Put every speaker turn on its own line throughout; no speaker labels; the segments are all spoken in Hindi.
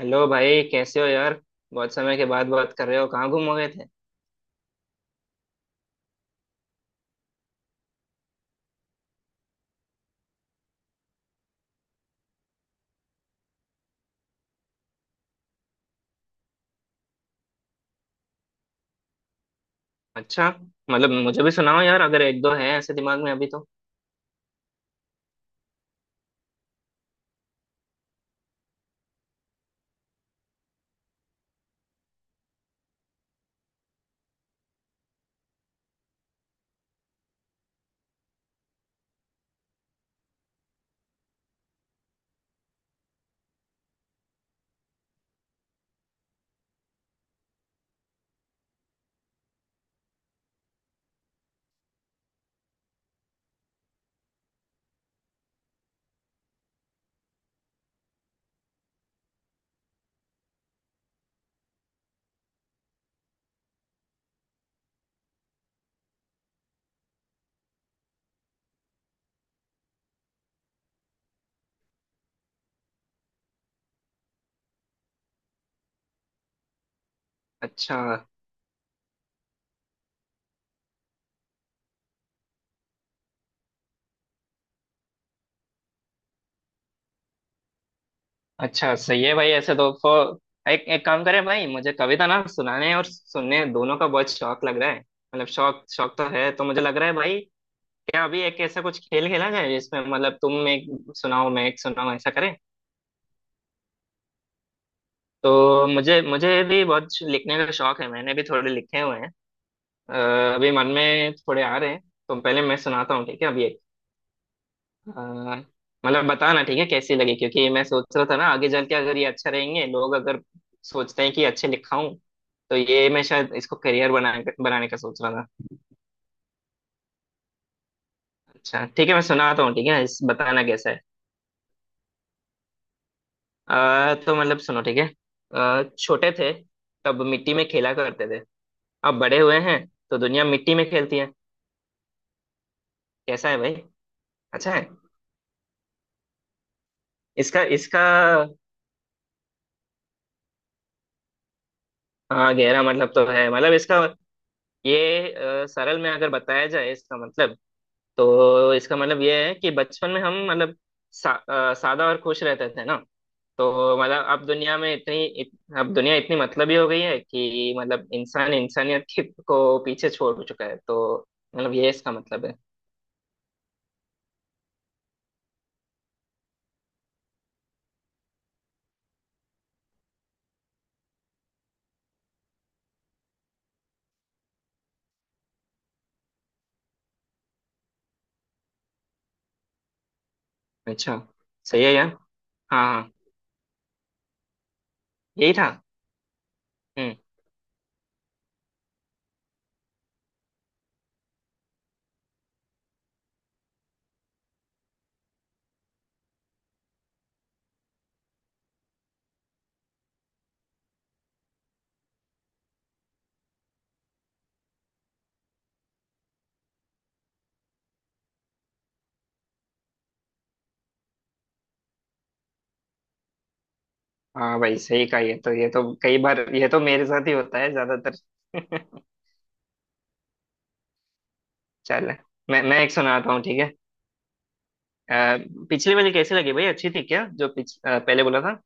हेलो भाई, कैसे हो यार? बहुत समय के बाद बात कर रहे हो, कहाँ गुम हो गए थे? अच्छा, मतलब मुझे भी सुनाओ यार, अगर एक दो हैं ऐसे दिमाग में अभी तो। अच्छा। अच्छा, सही है भाई। ऐसे तो एक एक काम करें भाई, मुझे कविता ना सुनाने और सुनने दोनों का बहुत शौक लग रहा है। मतलब शौक शौक तो है, तो मुझे लग रहा है भाई, क्या अभी एक ऐसा कुछ खेल खेला जाए जिसमें मतलब तुम एक सुनाओ, मैं एक सुनाऊं, ऐसा करें। तो मुझे मुझे भी बहुत लिखने का शौक है, मैंने भी थोड़े लिखे हुए हैं। अ, अभी मन में थोड़े आ रहे हैं, तो पहले मैं सुनाता हूँ, ठीक है? अभी एक। अ, मतलब बताना ठीक है कैसी लगी, क्योंकि मैं सोच रहा था ना, आगे चल के अगर ये अच्छा रहेंगे, लोग अगर सोचते हैं कि अच्छे लिखा हूँ, तो ये मैं शायद इसको करियर बनाने का सोच रहा था। अच्छा ठीक है, मैं सुनाता हूँ, ठीक है इस बताना कैसा है। तो मतलब सुनो ठीक है। छोटे थे तब मिट्टी में खेला करते थे, अब बड़े हुए हैं तो दुनिया मिट्टी में खेलती है। कैसा है भाई? अच्छा है। इसका इसका हाँ गहरा मतलब तो है। मतलब इसका ये सरल में अगर बताया जाए इसका मतलब, तो इसका मतलब ये है कि बचपन में हम मतलब सादा और खुश रहते थे ना, तो मतलब अब दुनिया में अब दुनिया इतनी मतलबी हो गई है कि मतलब इंसान इंसानियत की को पीछे छोड़ चुका है, तो मतलब ये इसका मतलब है। अच्छा, सही है यार। हाँ हाँ, यही था। हम्म। हाँ भाई, सही कहा, ये तो कई बार ये तो मेरे साथ ही होता है ज्यादातर। चल, मैं एक सुनाता हूँ ठीक है। अ, पिछली वाली कैसी लगी भाई, अच्छी थी क्या जो पहले बोला था?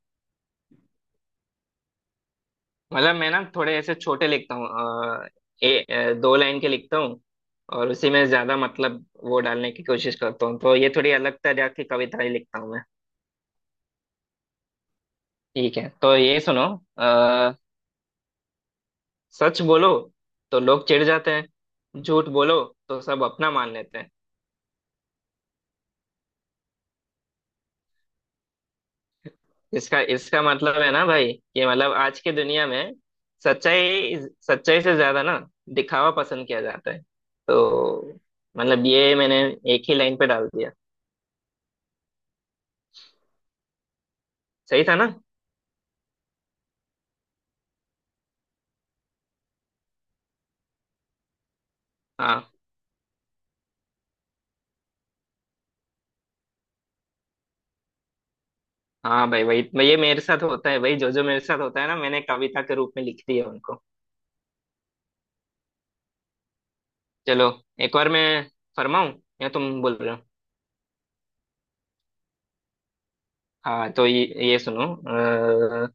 मतलब मैं ना थोड़े ऐसे छोटे लिखता हूँ। अ, दो लाइन के लिखता हूँ और उसी में ज्यादा मतलब वो डालने की कोशिश करता हूँ, तो ये थोड़ी अलग तरह की कविता ही लिखता हूँ मैं। ठीक है तो ये सुनो। आ, सच बोलो तो लोग चिढ़ जाते हैं, झूठ बोलो तो सब अपना मान लेते हैं। इसका इसका मतलब है ना भाई कि मतलब आज की दुनिया में सच्चाई सच्चाई से ज्यादा ना दिखावा पसंद किया जाता है, तो मतलब ये मैंने एक ही लाइन पे डाल दिया। सही था ना? हाँ हाँ भाई, ये मेरे साथ होता है भाई, जो जो मेरे साथ होता है ना मैंने कविता के रूप में लिख दी है उनको। चलो, एक बार मैं फरमाऊं या तुम बोल रहे हो? हाँ तो ये सुनो।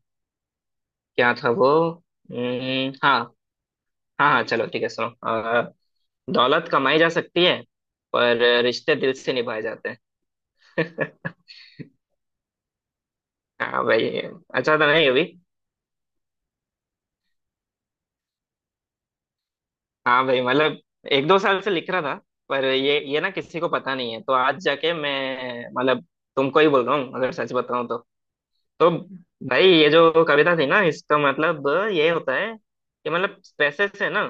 क्या था वो? हाँ, हाँ हाँ चलो ठीक है सुनो। दौलत कमाई जा सकती है, पर रिश्ते दिल से निभाए जाते हैं। हाँ भाई, अच्छा था नहीं अभी? हाँ भाई मतलब एक दो साल से लिख रहा था, पर ये ना किसी को पता नहीं है, तो आज जाके मैं मतलब तुमको ही बोल रहा हूँ अगर सच बताऊँ तो। तो भाई, ये जो कविता थी ना इसका मतलब ये होता है कि मतलब पैसे से ना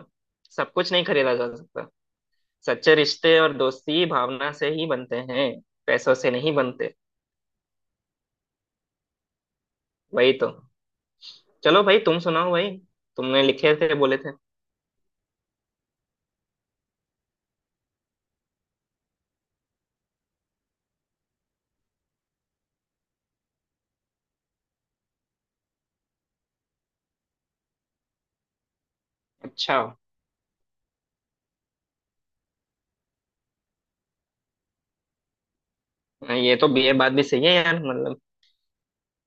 सब कुछ नहीं खरीदा जा सकता, सच्चे रिश्ते और दोस्ती भावना से ही बनते हैं, पैसों से नहीं बनते। वही तो। चलो भाई तुम सुनाओ भाई, तुमने लिखे थे बोले थे। अच्छा, ये तो ये बात भी सही है यार। मतलब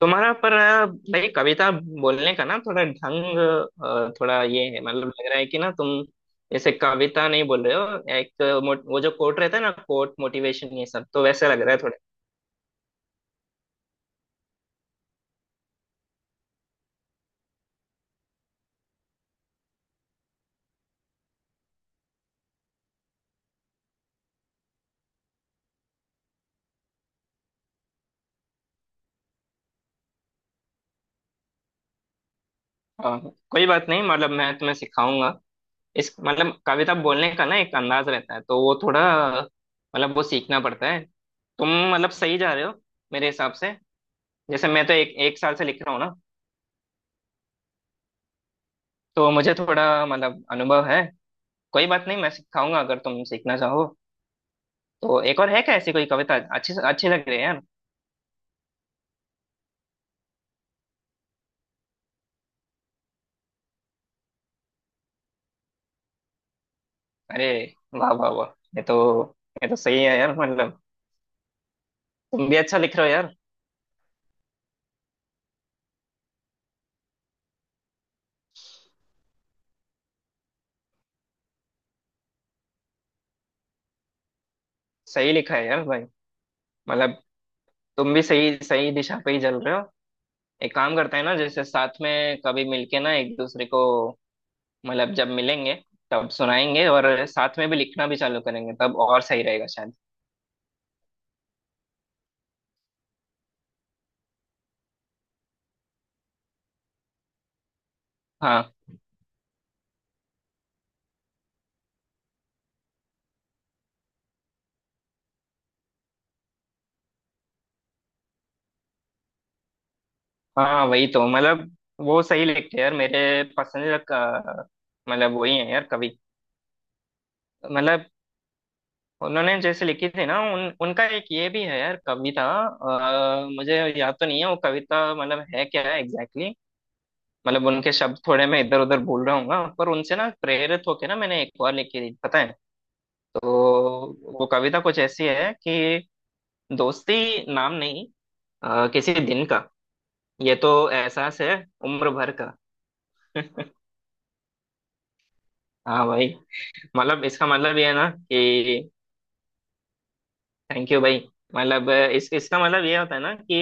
तुम्हारा पर भाई कविता बोलने का ना थोड़ा ढंग, थोड़ा ये है मतलब, लग रहा है कि ना तुम जैसे कविता नहीं बोल रहे हो, वो जो कोट रहता है ना, कोट मोटिवेशन ये सब तो वैसे लग रहा है थोड़ा। हाँ, कोई बात नहीं, मतलब मैं तुम्हें सिखाऊंगा। इस मतलब कविता बोलने का ना एक अंदाज रहता है, तो वो थोड़ा मतलब वो सीखना पड़ता है। तुम मतलब सही जा रहे हो मेरे हिसाब से। जैसे मैं तो एक एक साल से लिख रहा हूँ ना, तो मुझे थोड़ा मतलब अनुभव है। कोई बात नहीं, मैं सिखाऊंगा अगर तुम सीखना चाहो। तो एक और है क्या ऐसी कोई कविता? अच्छी अच्छी लग रही है यार। अरे वाह वाह वाह! ये तो ये तो सही है यार, मतलब तुम भी अच्छा लिख रहे हो यार। सही लिखा है यार भाई, मतलब तुम भी सही सही दिशा पे ही चल रहे हो। एक काम करते हैं ना, जैसे साथ में कभी मिलके ना एक दूसरे को, मतलब जब मिलेंगे तब सुनाएंगे और साथ में भी लिखना भी चालू करेंगे, तब और सही रहेगा शायद। हाँ हाँ वही तो, मतलब वो सही लिखते हैं यार। मतलब वही है यार कवि, मतलब उन्होंने जैसे लिखी थी ना, उन उनका एक ये भी है यार कविता। मुझे याद तो नहीं है वो कविता, मतलब है क्या है एग्जैक्टली exactly। मतलब उनके शब्द थोड़े मैं इधर उधर भूल रहा हूँ, पर उनसे ना प्रेरित होके ना मैंने एक और लिखी थी, पता है? तो वो कविता कुछ ऐसी है कि दोस्ती नाम नहीं किसी दिन का, ये तो एहसास है उम्र भर का। हाँ भाई, मतलब इसका मतलब ये है ना कि, थैंक यू भाई। मतलब इस इसका मतलब ये होता है ना कि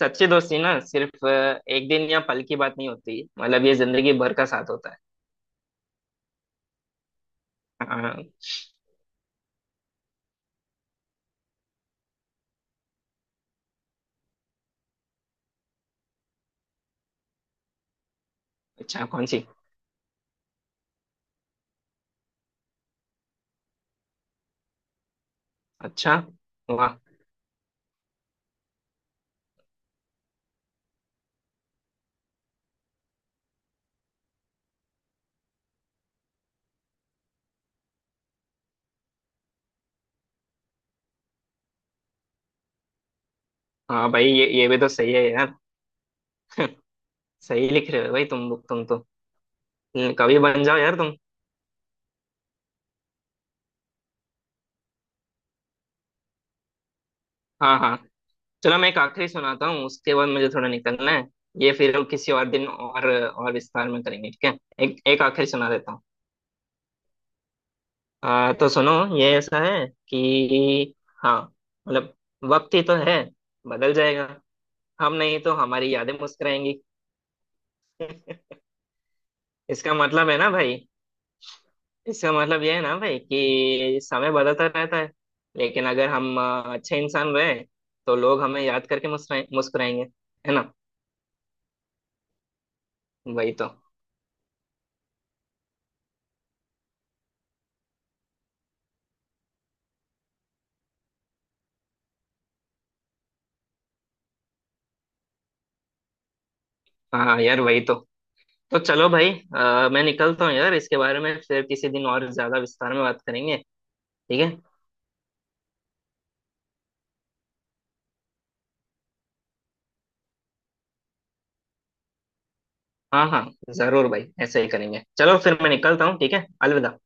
सच्ची दोस्ती ना सिर्फ एक दिन या पल की बात नहीं होती, मतलब ये जिंदगी भर का साथ होता है। हाँ। अच्छा कौन सी? अच्छा, वाह। हाँ भाई, ये भी तो सही है यार। सही लिख रहे हो भाई, तुम तो, कवि बन जाओ यार तुम। हाँ हाँ, चलो मैं एक आखिरी सुनाता हूँ, उसके बाद मुझे थोड़ा निकलना है। ये फिर किसी और दिन और विस्तार में करेंगे, ठीक है? एक एक आखिरी सुना देता हूँ। तो सुनो, ये ऐसा है कि, हाँ, मतलब वक्त ही तो है, बदल जाएगा। हम नहीं तो हमारी यादें मुस्कुराएंगी। इसका मतलब है ना भाई, इसका मतलब ये है ना भाई कि समय बदलता रहता है, लेकिन अगर हम अच्छे इंसान रहे तो लोग हमें याद करके मुस्कुराएंगे, है ना? वही तो। हाँ यार वही तो। तो चलो भाई, मैं निकलता हूँ यार, इसके बारे में फिर किसी दिन और ज्यादा विस्तार में बात करेंगे, ठीक है? हाँ हाँ, जरूर भाई, ऐसे ही करेंगे। चलो फिर मैं निकलता हूँ, ठीक है, अलविदा।